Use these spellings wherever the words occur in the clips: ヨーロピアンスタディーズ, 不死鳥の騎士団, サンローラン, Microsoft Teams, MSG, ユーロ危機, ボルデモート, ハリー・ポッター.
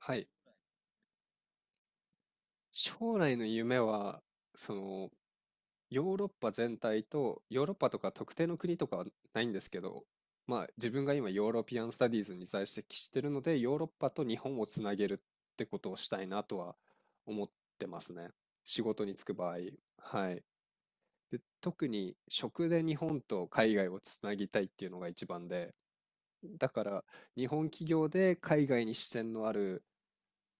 はい。将来の夢は、その、ヨーロッパ全体と、ヨーロッパとか特定の国とかはないんですけど、まあ自分が今ヨーロピアンスタディーズに在籍してるので、ヨーロッパと日本をつなげるってことをしたいなとは思ってますね。仕事に就く場合。はい。で、特に食で日本と海外をつなぎたいっていうのが一番で、だから日本企業で海外に支店のある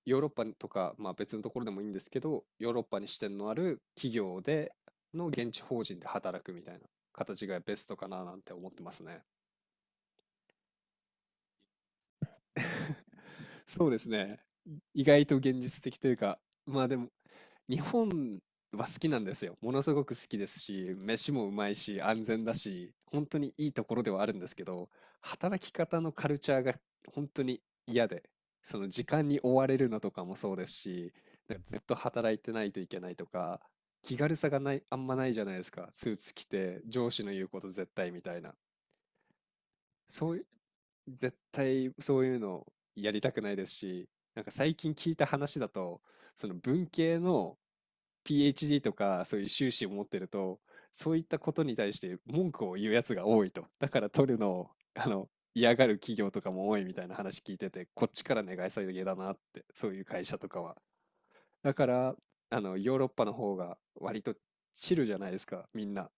ヨーロッパとか、まあ、別のところでもいいんですけど、ヨーロッパに支店のある企業での現地法人で働くみたいな形がベストかななんて思ってますね。そうですね。意外と現実的というか、まあでも、日本は好きなんですよ。ものすごく好きですし、飯もうまいし、安全だし、本当にいいところではあるんですけど、働き方のカルチャーが本当に嫌で、その時間に追われるのとかもそうですし、なんかずっと働いてないといけないとか、気軽さがない、あんまないじゃないですか。スーツ着て、上司の言うこと絶対みたいな。そういう、絶対そういうのやりたくないですし、なんか最近聞いた話だと、その文系の PhD とかそういう修士を持ってると、そういったことに対して文句を言うやつが多いと。だから取るのを、あの、嫌がる企業とかも多いみたいな話聞いてて、こっちから願い下げだなって、そういう会社とかは。だから、ヨーロッパの方が割とチルじゃないですか、みんな。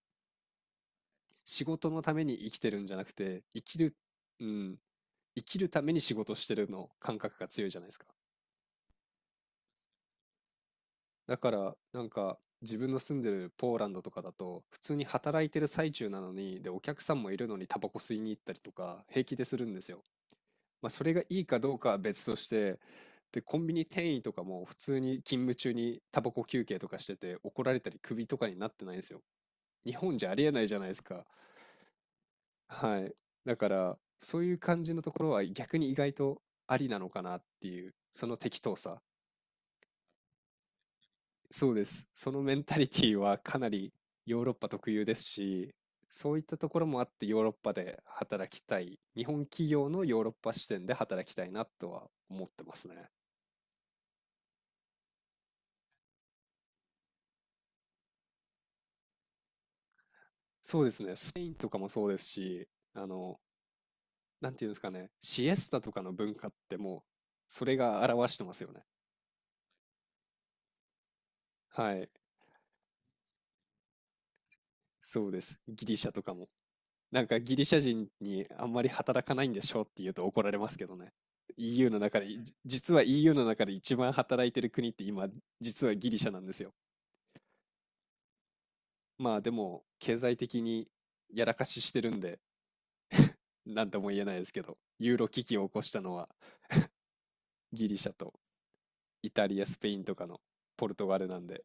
仕事のために生きてるんじゃなくて、生きる、うん、生きるために仕事してるの感覚が強いじゃないですか。だから、なんか、自分の住んでるポーランドとかだと、普通に働いてる最中なのに、で、お客さんもいるのにタバコ吸いに行ったりとか、平気でするんですよ。まあ、それがいいかどうかは別として、で、コンビニ店員とかも普通に勤務中にタバコ休憩とかしてて、怒られたり首とかになってないんですよ。日本じゃありえないじゃないですか。はい。だから、そういう感じのところは逆に意外とありなのかなっていう、その適当さ。そうです。そのメンタリティはかなりヨーロッパ特有ですし、そういったところもあってヨーロッパで働きたい。日本企業のヨーロッパ視点で働きたいなとは思ってますね。そうですね。スペインとかもそうですし、あの、なんていうんですかね。シエスタとかの文化ってもう、それが表してますよね。はい。そうです。ギリシャとかも。なんかギリシャ人にあんまり働かないんでしょうって言うと怒られますけどね。EU の中で、実は EU の中で一番働いてる国って今、実はギリシャなんですよ。まあでも、経済的にやらかししてるんで、なんとも言えないですけど、ユーロ危機を起こしたのはギリシャとイタリア、スペインとかのポルトガルなんで、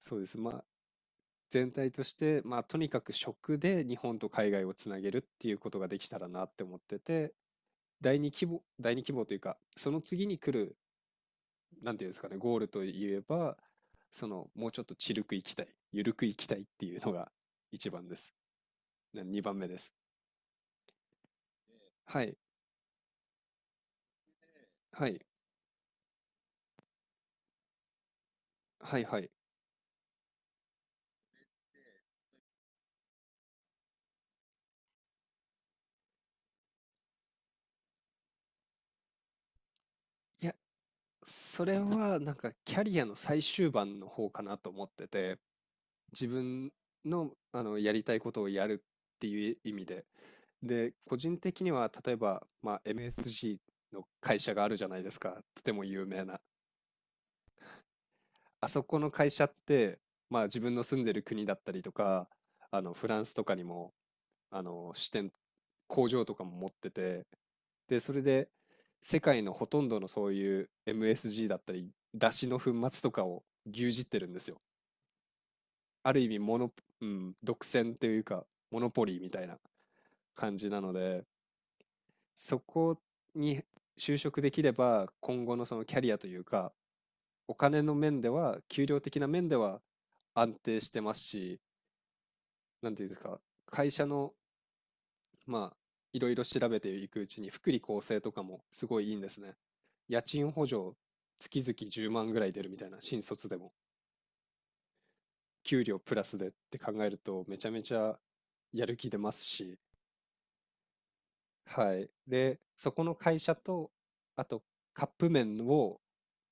そうです。まあ全体として、まあとにかく食で日本と海外をつなげるっていうことができたらなって思ってて、第二規模というか、その次に来るなんていうんですかね、ゴールといえば、その、もうちょっとちるく行きたい、ゆるく行きたいっていうのが一番です。な二番目です。はい、はい、はい、はい。いや、それはなんかキャリアの最終盤の方かなと思ってて、自分の、やりたいことをやるっていう意味で。で、個人的には、例えば、まあ、MSG の会社があるじゃないですか。とても有名な。あそこの会社って、まあ、自分の住んでる国だったりとか、フランスとかにも支店、工場とかも持ってて、で、それで世界のほとんどのそういう MSG だったり、出汁の粉末とかを牛耳ってるんですよ。ある意味うん、独占というか、モノポリーみたいな感じなので、そこに就職できれば、今後のそのキャリアというか、お金の面では、給料的な面では安定してますし、なんていうんですか、会社の、まあ、いろいろ調べていくうちに、福利厚生とかもすごいいいんですね。家賃補助、月々10万ぐらい出るみたいな、新卒でも。給料プラスでって考えると、めちゃめちゃやる気出ますし、はい。で、そこの会社と、あと、カップ麺を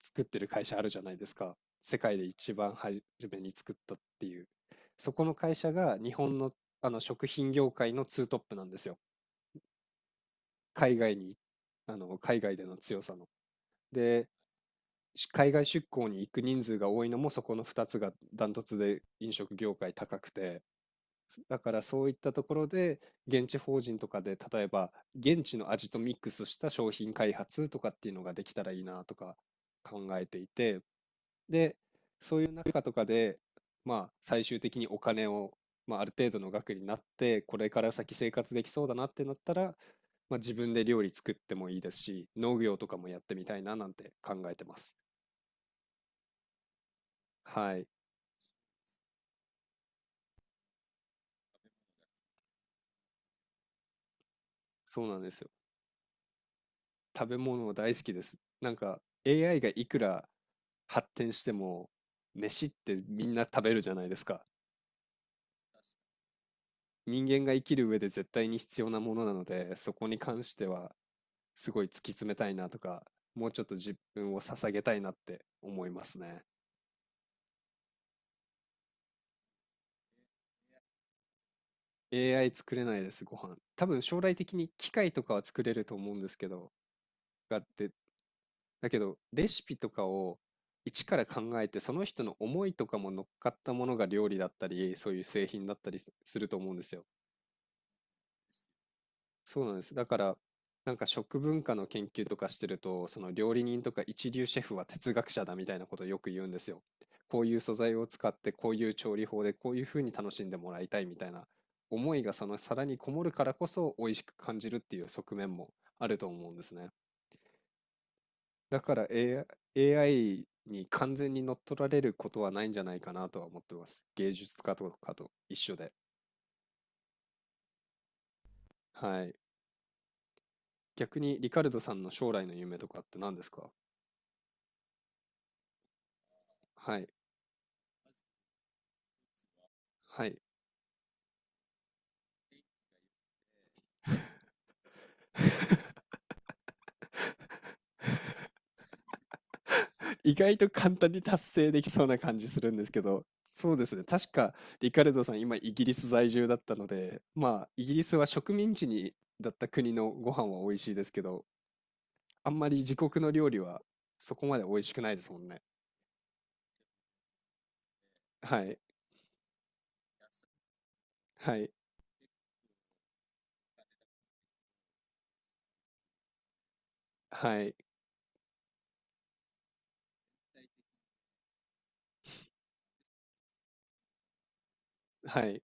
作ってる会社あるじゃないですか。世界で一番初めに作ったっていう。そこの会社が日本の、あの食品業界のツートップなんですよ。海外に、あの、海外での強さの。で、海外出向に行く人数が多いのもそこの2つがダントツで飲食業界高くて、だからそういったところで現地法人とかで例えば現地の味とミックスした商品開発とかっていうのができたらいいなとか考えていて、で、かとかで、まあ、最終的にお金を、まあ、ある程度の額になって、これから先生活できそうだなってなったら、まあ、自分で料理作ってもいいですし、農業とかもやってみたいななんて考えてます。はい、そうなんですよ。食べ物大好きです。なんか AI がいくら発展しても、飯ってみんな食べるじゃないですか。人間が生きる上で絶対に必要なものなので、そこに関してはすごい突き詰めたいなとか、もうちょっと自分を捧げたいなって思いますね。AI 作れないです、ご飯。多分将来的に機械とかは作れると思うんですけど、があって、だけどレシピとかを一から考えて、その人の思いとかも乗っかったものが料理だったり、そういう製品だったりすると思うんですよ。そうなんです。だから、なんか食文化の研究とかしてると、その料理人とか一流シェフは哲学者だみたいなことをよく言うんですよ。こういう素材を使って、こういう調理法で、こういうふうに楽しんでもらいたいみたいな思いがその皿にこもるからこそ美味しく感じるっていう側面もあると思うんですね。だから AI に完全に乗っ取られることはないんじゃないかなとは思ってます。芸術家とかと一緒で。はい。逆にリカルドさんの将来の夢とかって何ですか？はい。はい。意外と簡単に達成できそうな感じするんですけど、そうですね。確か、リカルドさん、今、イギリス在住だったので、まあ、イギリスは植民地にだった国のご飯は美味しいですけど、あんまり自国の料理はそこまで美味しくないですもんね。はい、はい、はい、はい。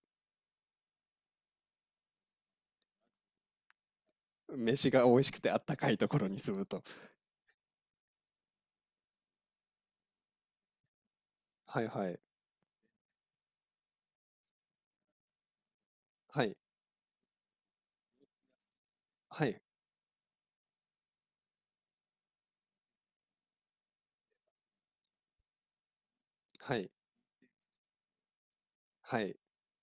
飯が美味しくてあったかいところに住むと。はいはい、はい、はい、はい、はい。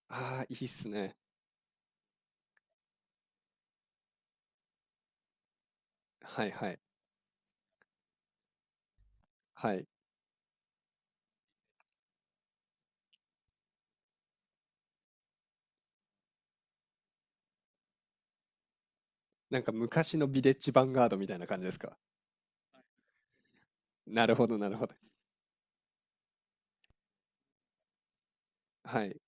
ああ、いいっすね。はいはい、はい。なんか昔のビレッジヴァンガードみたいな感じですか？なるほど、なるほど。はい、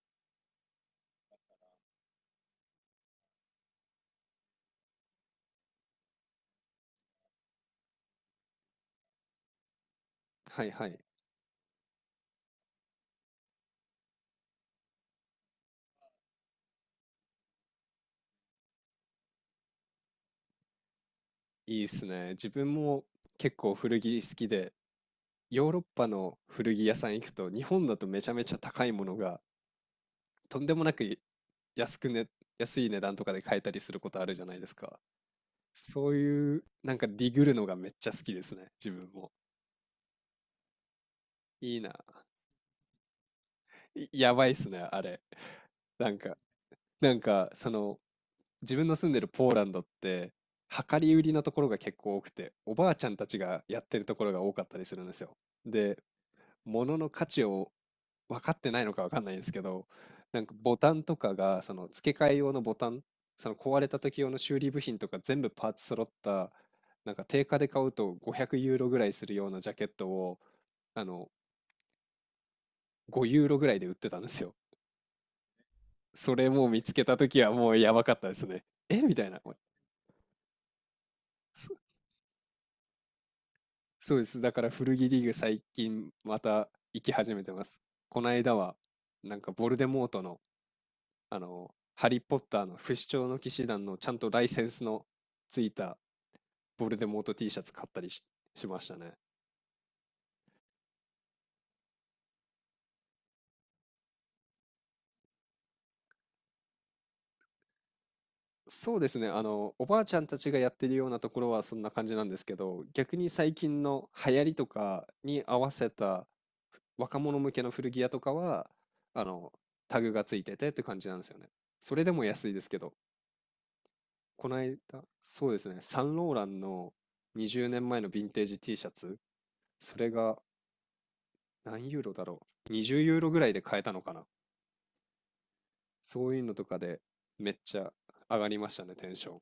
はいはい。いいっすね。自分も結構古着好きで、ヨーロッパの古着屋さん行くと、日本だとめちゃめちゃ高いものが、とんでもなく安くね、安い値段とかで買えたりすることあるじゃないですか。そういう、なんかディグるのがめっちゃ好きですね、自分も。いいな。いやばいっすね、あれ。なんか、なんか、自分の住んでるポーランドって、量り売りのところが結構多くて、おばあちゃんたちがやってるところが多かったりするんですよ。で、物の価値を分かってないのか分かんないですけど、なんかボタンとかが、その付け替え用のボタン、その壊れた時用の修理部品とか全部パーツ揃った、なんか定価で買うと500ユーロぐらいするようなジャケットを、あの、5ユーロぐらいで売ってたんですよ。それもう見つけた時はもうやばかったですね。えみたいな。そそうです。だから古着リーグ最近また行き始めてます。この間は、なんかボルデモートのハリー・ポッターの不死鳥の騎士団のちゃんとライセンスのついたボルデモート T シャツ買ったりしましたね。そうですね。おばあちゃんたちがやってるようなところはそんな感じなんですけど、逆に最近の流行りとかに合わせた若者向けの古着屋とかは、あの、タグがついててって感じなんですよね。それでも安いですけど、この間、そうですね、サンローランの20年前のヴィンテージ T シャツ、それが何ユーロだろう。20ユーロぐらいで買えたのかな。そういうのとかでめっちゃ上がりましたね、テンション。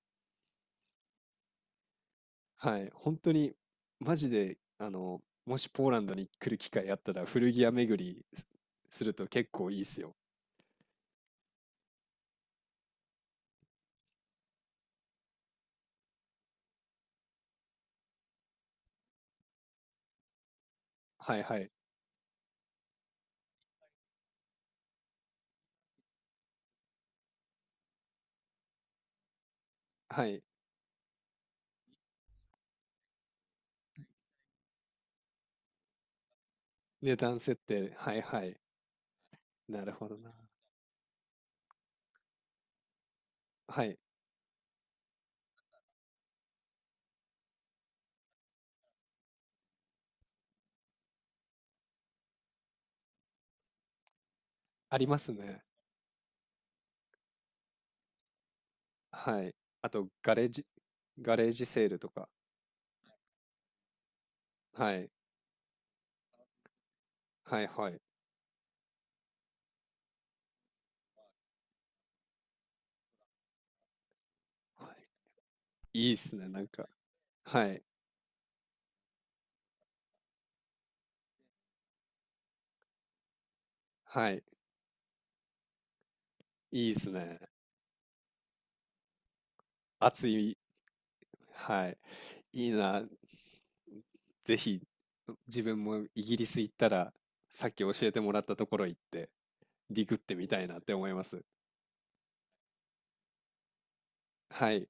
はい。本当に、マジで、もしポーランドに来る機会あったら古着屋巡りすると結構いいっすよ。はいはい。はい。値段設定。はいはい。なるほどな。はい。ありますね。はい。あと、ガレージセールとか。はい。はいはい。はい。いいっすね、なんか。はい。はい。いいっすね。熱い。はい。いいな。ぜひ、自分もイギリス行ったら、さっき教えてもらったところ行って、ディグってみたいなって思います。はい。